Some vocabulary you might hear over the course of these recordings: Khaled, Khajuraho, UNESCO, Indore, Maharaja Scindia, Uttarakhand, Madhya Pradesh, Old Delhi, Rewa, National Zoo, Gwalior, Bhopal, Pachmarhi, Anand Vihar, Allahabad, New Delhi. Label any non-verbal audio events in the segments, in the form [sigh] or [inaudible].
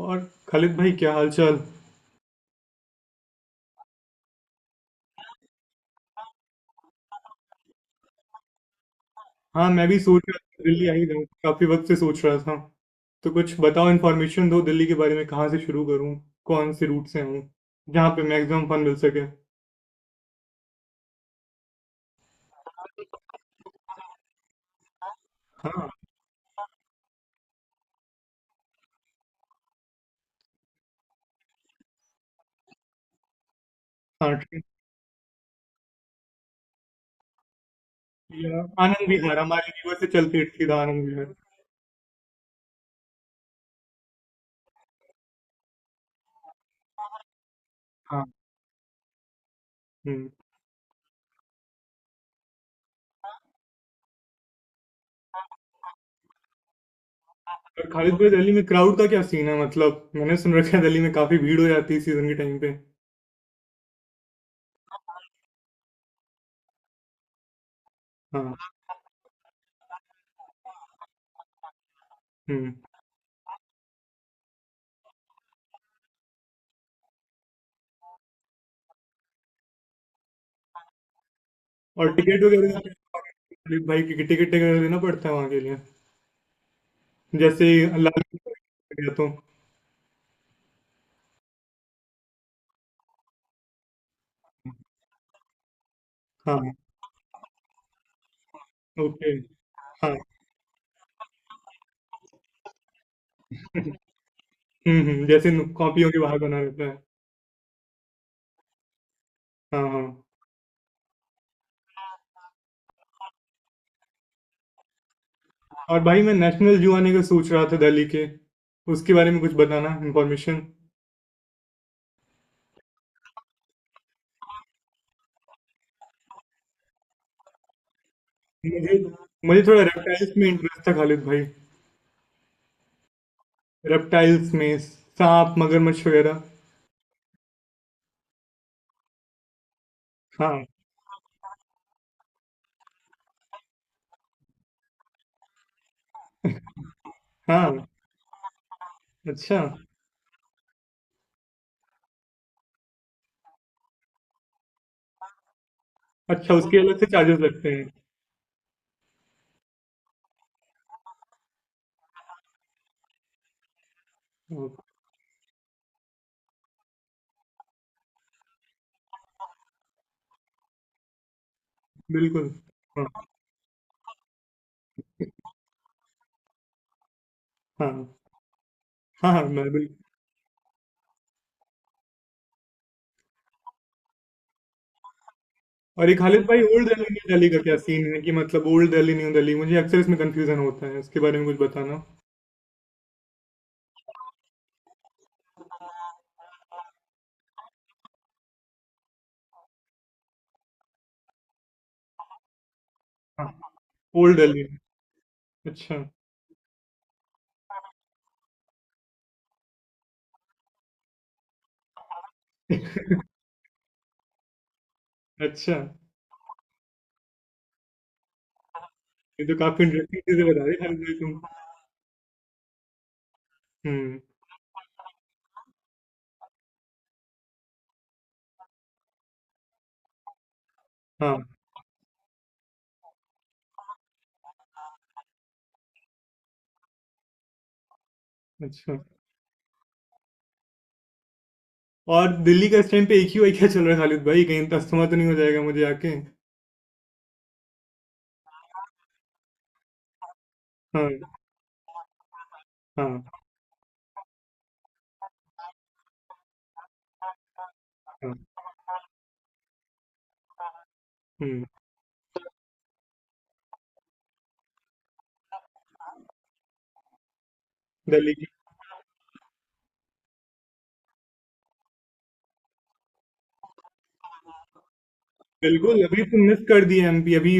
और खालिद भाई, क्या हालचाल। हाँ, मैं भी सोच रहा था दिल्ली आ ही जाऊँ। काफी वक्त से सोच रहा था। तो कुछ बताओ, इन्फॉर्मेशन दो दिल्ली के बारे में। कहाँ से शुरू करूँ? कौन से रूट से आऊँ? जहाँ पे मैक्सिमम फन मिल सके। हाँ। हाँ, ठीक। या आनंद विहार, हमारे रीवा से चलती है, सीधा आनंद विहार। हाँ। हम्म। और खालिद भाई, दिल्ली में क्राउड का क्या सीन है? मतलब मैंने सुन रखा है दिल्ली में काफी भीड़ हो जाती है सीजन के टाइम पे। हाँ। हम्म। और टिकट वगैरह? खालिद भाई, की टिकट वगैरह देना पड़ता है वहाँ के लिए? जैसे लाल, गया तो। हाँ। ओके। हाँ। हुँ, हुँ, जैसे कॉपियों के बाहर बना रहता है। हाँ हाँ। और भाई, मैं नेशनल जू आने का सोच रहा था दिल्ली के। उसके बारे में कुछ बताना, इंफॉर्मेशन। मुझे, थोड़ा रेप्टाइल्स में इंटरेस्ट था खालिद भाई। रेप्टाइल्स में। सांप, मगरमच्छ वगैरह। हाँ हाँ। अच्छा। अच्छा, उसके अलग से चार्जेस लगते हैं? बिल्कुल। हाँ हाँ हाँ हाँ, मैं बिल्कुल। और ये खालिद भाई, ओल्ड दिल्ली न्यू दिल्ली का क्या सीन है कि, मतलब ओल्ड दिल्ली न्यू दिल्ली, मुझे अक्सर इसमें कंफ्यूजन होता है। इसके बारे में कुछ बताना। ओल्ड दिल्ली? अच्छा। [laughs] अच्छा। ये तो काफी इंटरेस्टिंग चीजें बता रहे खालिद भाई तुम। हम्म। हाँ। अच्छा। और दिल्ली का इस टाइम पे एक ही वाई क्या चल रहा है खालिद भाई? कहीं तस्मा तो नहीं हो जाएगा मुझे आके? हाँ। हाँ। हाँ। हम्म। दिल्ली की। बिल्कुल, अभी तो मिस कर दिया एमपी अभी।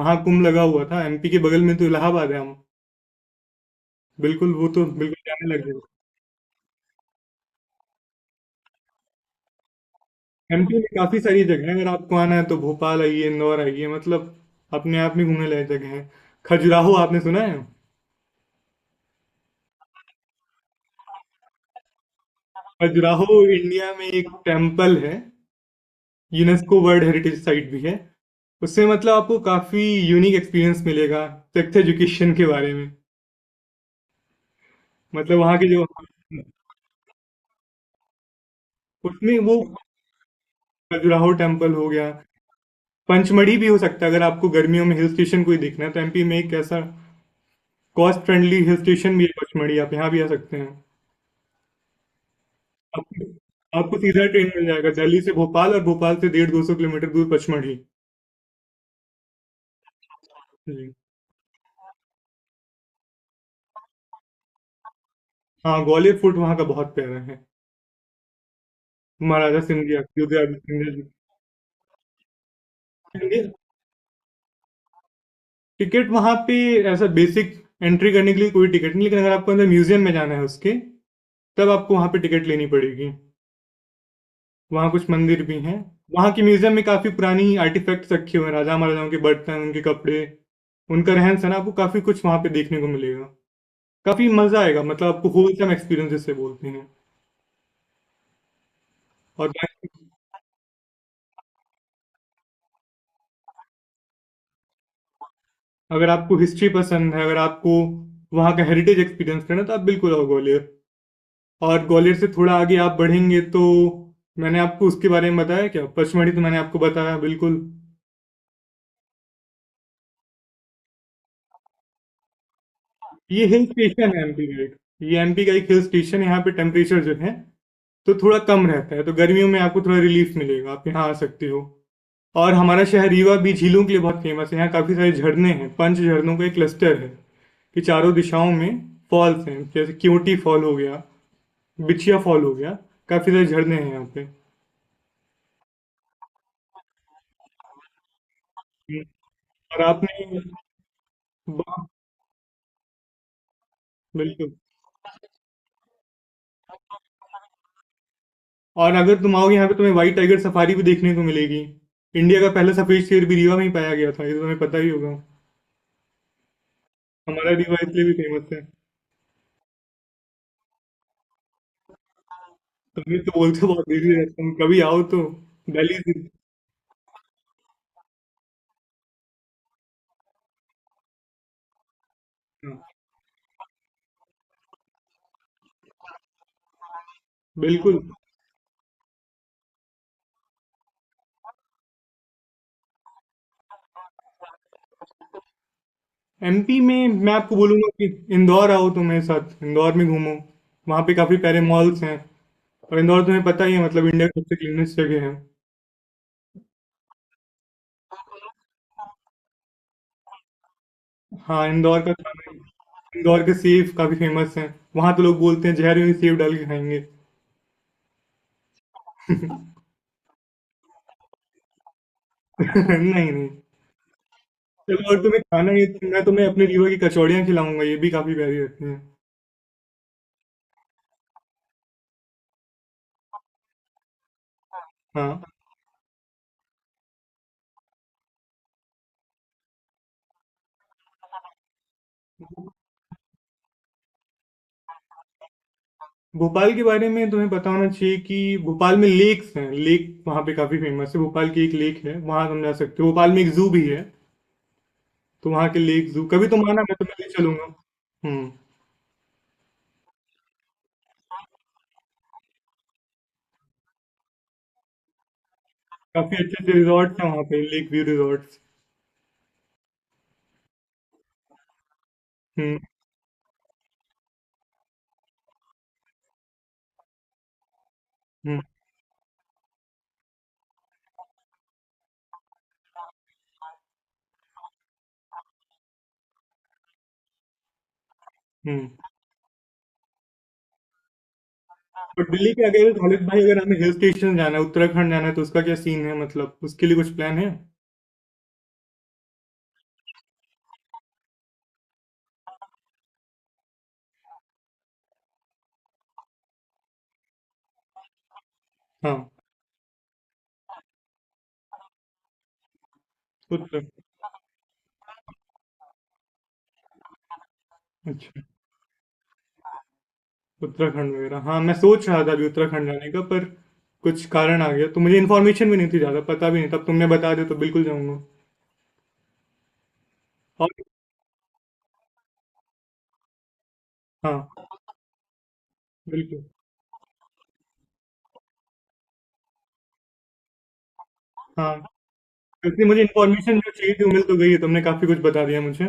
महाकुंभ लगा हुआ था, एमपी के बगल में तो इलाहाबाद है, हम। बिल्कुल, वो तो बिल्कुल जाने लगे। एमपी में काफी सारी जगह है। अगर आपको आना है तो भोपाल आइए, इंदौर आइए, मतलब अपने आप में घूमने लायक जगह है। खजुराहो आपने सुना है? खजुराहो इंडिया में एक टेम्पल है। यूनेस्को वर्ल्ड हेरिटेज साइट भी है। उससे मतलब आपको काफी यूनिक एक्सपीरियंस मिलेगा, सेक्स एजुकेशन के बारे में। मतलब वहाँ के जो, उसमें वो, खजुराहो टेम्पल हो गया। पंचमढ़ी भी हो सकता है। अगर आपको गर्मियों में हिल स्टेशन कोई देखना है तो एमपी में एक ऐसा कॉस्ट फ्रेंडली हिल स्टेशन भी है पचमढ़ी, आप यहाँ भी आ सकते हैं। आपको, सीधा ट्रेन मिल जाएगा दिल्ली से भोपाल, और भोपाल से 150-200 किलोमीटर दूर पचमढ़ी। जी। हाँ, ग्वालियर फूट वहाँ का बहुत प्यारा है। महाराजा सिंधिया, युद्धराज सिंधिया। जी। टिकट वहाँ पे ऐसा बेसिक, एंट्री करने के लिए कोई टिकट नहीं। लेकिन अगर आपको अंदर म्यूजियम में जाना है उसके, तब आपको वहाँ पे टिकट लेनी पड़ेगी। वहाँ कुछ मंदिर भी हैं। वहाँ के म्यूजियम में काफी पुरानी आर्टिफैक्ट्स रखे हुए हैं, राजा महाराजाओं के बर्तन, उनके कपड़े, उनका रहन सहन। आपको काफी कुछ वहाँ पे देखने को मिलेगा। काफ़ी मज़ा आएगा, मतलब आपको होलसम एक्सपीरियंस जिसे बोलते हैं। और अगर आपको हिस्ट्री पसंद है, अगर आपको वहाँ का हेरिटेज एक्सपीरियंस करना है, तो आप बिल्कुल आओ ग्वालियर। और ग्वालियर से थोड़ा आगे आप बढ़ेंगे तो, मैंने आपको उसके बारे में बताया क्या पचमढ़ी? तो मैंने आपको बताया बिल्कुल। ये हिल स्टेशन है एमपी का एक। ये एमपी का एक हिल स्टेशन है, यहाँ पे टेम्परेचर जो है तो थोड़ा कम रहता है। तो गर्मियों में आपको थोड़ा रिलीफ मिलेगा, आप यहाँ आ सकते हो। और हमारा शहर रीवा भी झीलों के लिए बहुत फेमस है। यहाँ काफी सारे झरने हैं। 5 झरनों का एक क्लस्टर है कि चारों दिशाओं में फॉल्स हैं। जैसे क्योटी फॉल हो गया, बिछिया फॉल हो गया। काफी सारे झरने हैं यहाँ पे। और आपने वाह! बिल्कुल। और अगर तुम आओगे यहाँ पे तुम्हें व्हाइट टाइगर सफारी भी देखने को मिलेगी। इंडिया का पहला सफेद शेर भी रीवा में ही पाया गया था, ये तो तुम्हें पता ही होगा। हमारा रीवा इसलिए भी फेमस है। तुम ये तो बोलते हो, बहुत देरी रहते हो, कभी आओ तो। दिल्ली से। हाँ, बिल्कुल। एमपी में मैं आपको बोलूंगा कि इंदौर आओ, तुम मेरे साथ इंदौर में घूमो। वहाँ पे काफी प्यारे मॉल्स हैं। और इंदौर तुम्हें पता ही है, मतलब इंडिया की सबसे क्लीनेस्ट जगह है। हाँ, इंदौर का खाना, इंदौर के सेव काफी फेमस है। वहां तो लोग बोलते हैं जहर में सेव डाल के खाएंगे। [laughs] नहीं नहीं। चलो, और तुम्हें खाना, ये तो मैं तुम्हें अपने रीवा की कचौड़ियाँ खिलाऊंगा, ये भी काफी प्यारी लगती हैं। हाँ। भोपाल के बारे में तुम्हें पता होना चाहिए कि भोपाल में लेक्स हैं। लेक वहाँ पे काफी फेमस है। भोपाल की एक लेक है, वहाँ तुम जा सकते हो। भोपाल में एक जू भी है। तो वहाँ के लेक, जू कभी तुम आना, मैं तुम्हें ले चलूंगा। हम्म। काफी अच्छे अच्छे रिजॉर्ट हैं वहाँ पे, लेक व्यू रिजॉर्ट। हम्म। हम्म। हम्म। और दिल्ली के, अगर खालिद भाई, अगर हमें हिल स्टेशन जाना है, उत्तराखंड जाना है, तो उसका क्या सीन है? मतलब उसके लिए कुछ प्लान है? हाँ। उत्तराखंड। अच्छा। उत्तराखंड वगैरह, हाँ, मैं सोच रहा था अभी उत्तराखंड जाने का, पर कुछ कारण आ गया। तो मुझे इन्फॉर्मेशन भी नहीं थी, ज़्यादा पता भी नहीं था। अब तुमने बता दिया तो बिल्कुल जाऊंगा। और, हाँ बिल्कुल। हाँ। क्योंकि मुझे इन्फॉर्मेशन जो चाहिए थी वो मिल तो गई है, तुमने काफ़ी कुछ बता दिया मुझे।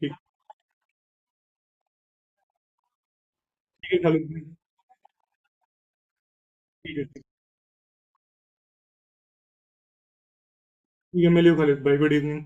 ठीक। ठीक है खालिद भाई। ठीक है। ठीक है, मिलियो खालिद भाई, गुड इवनिंग।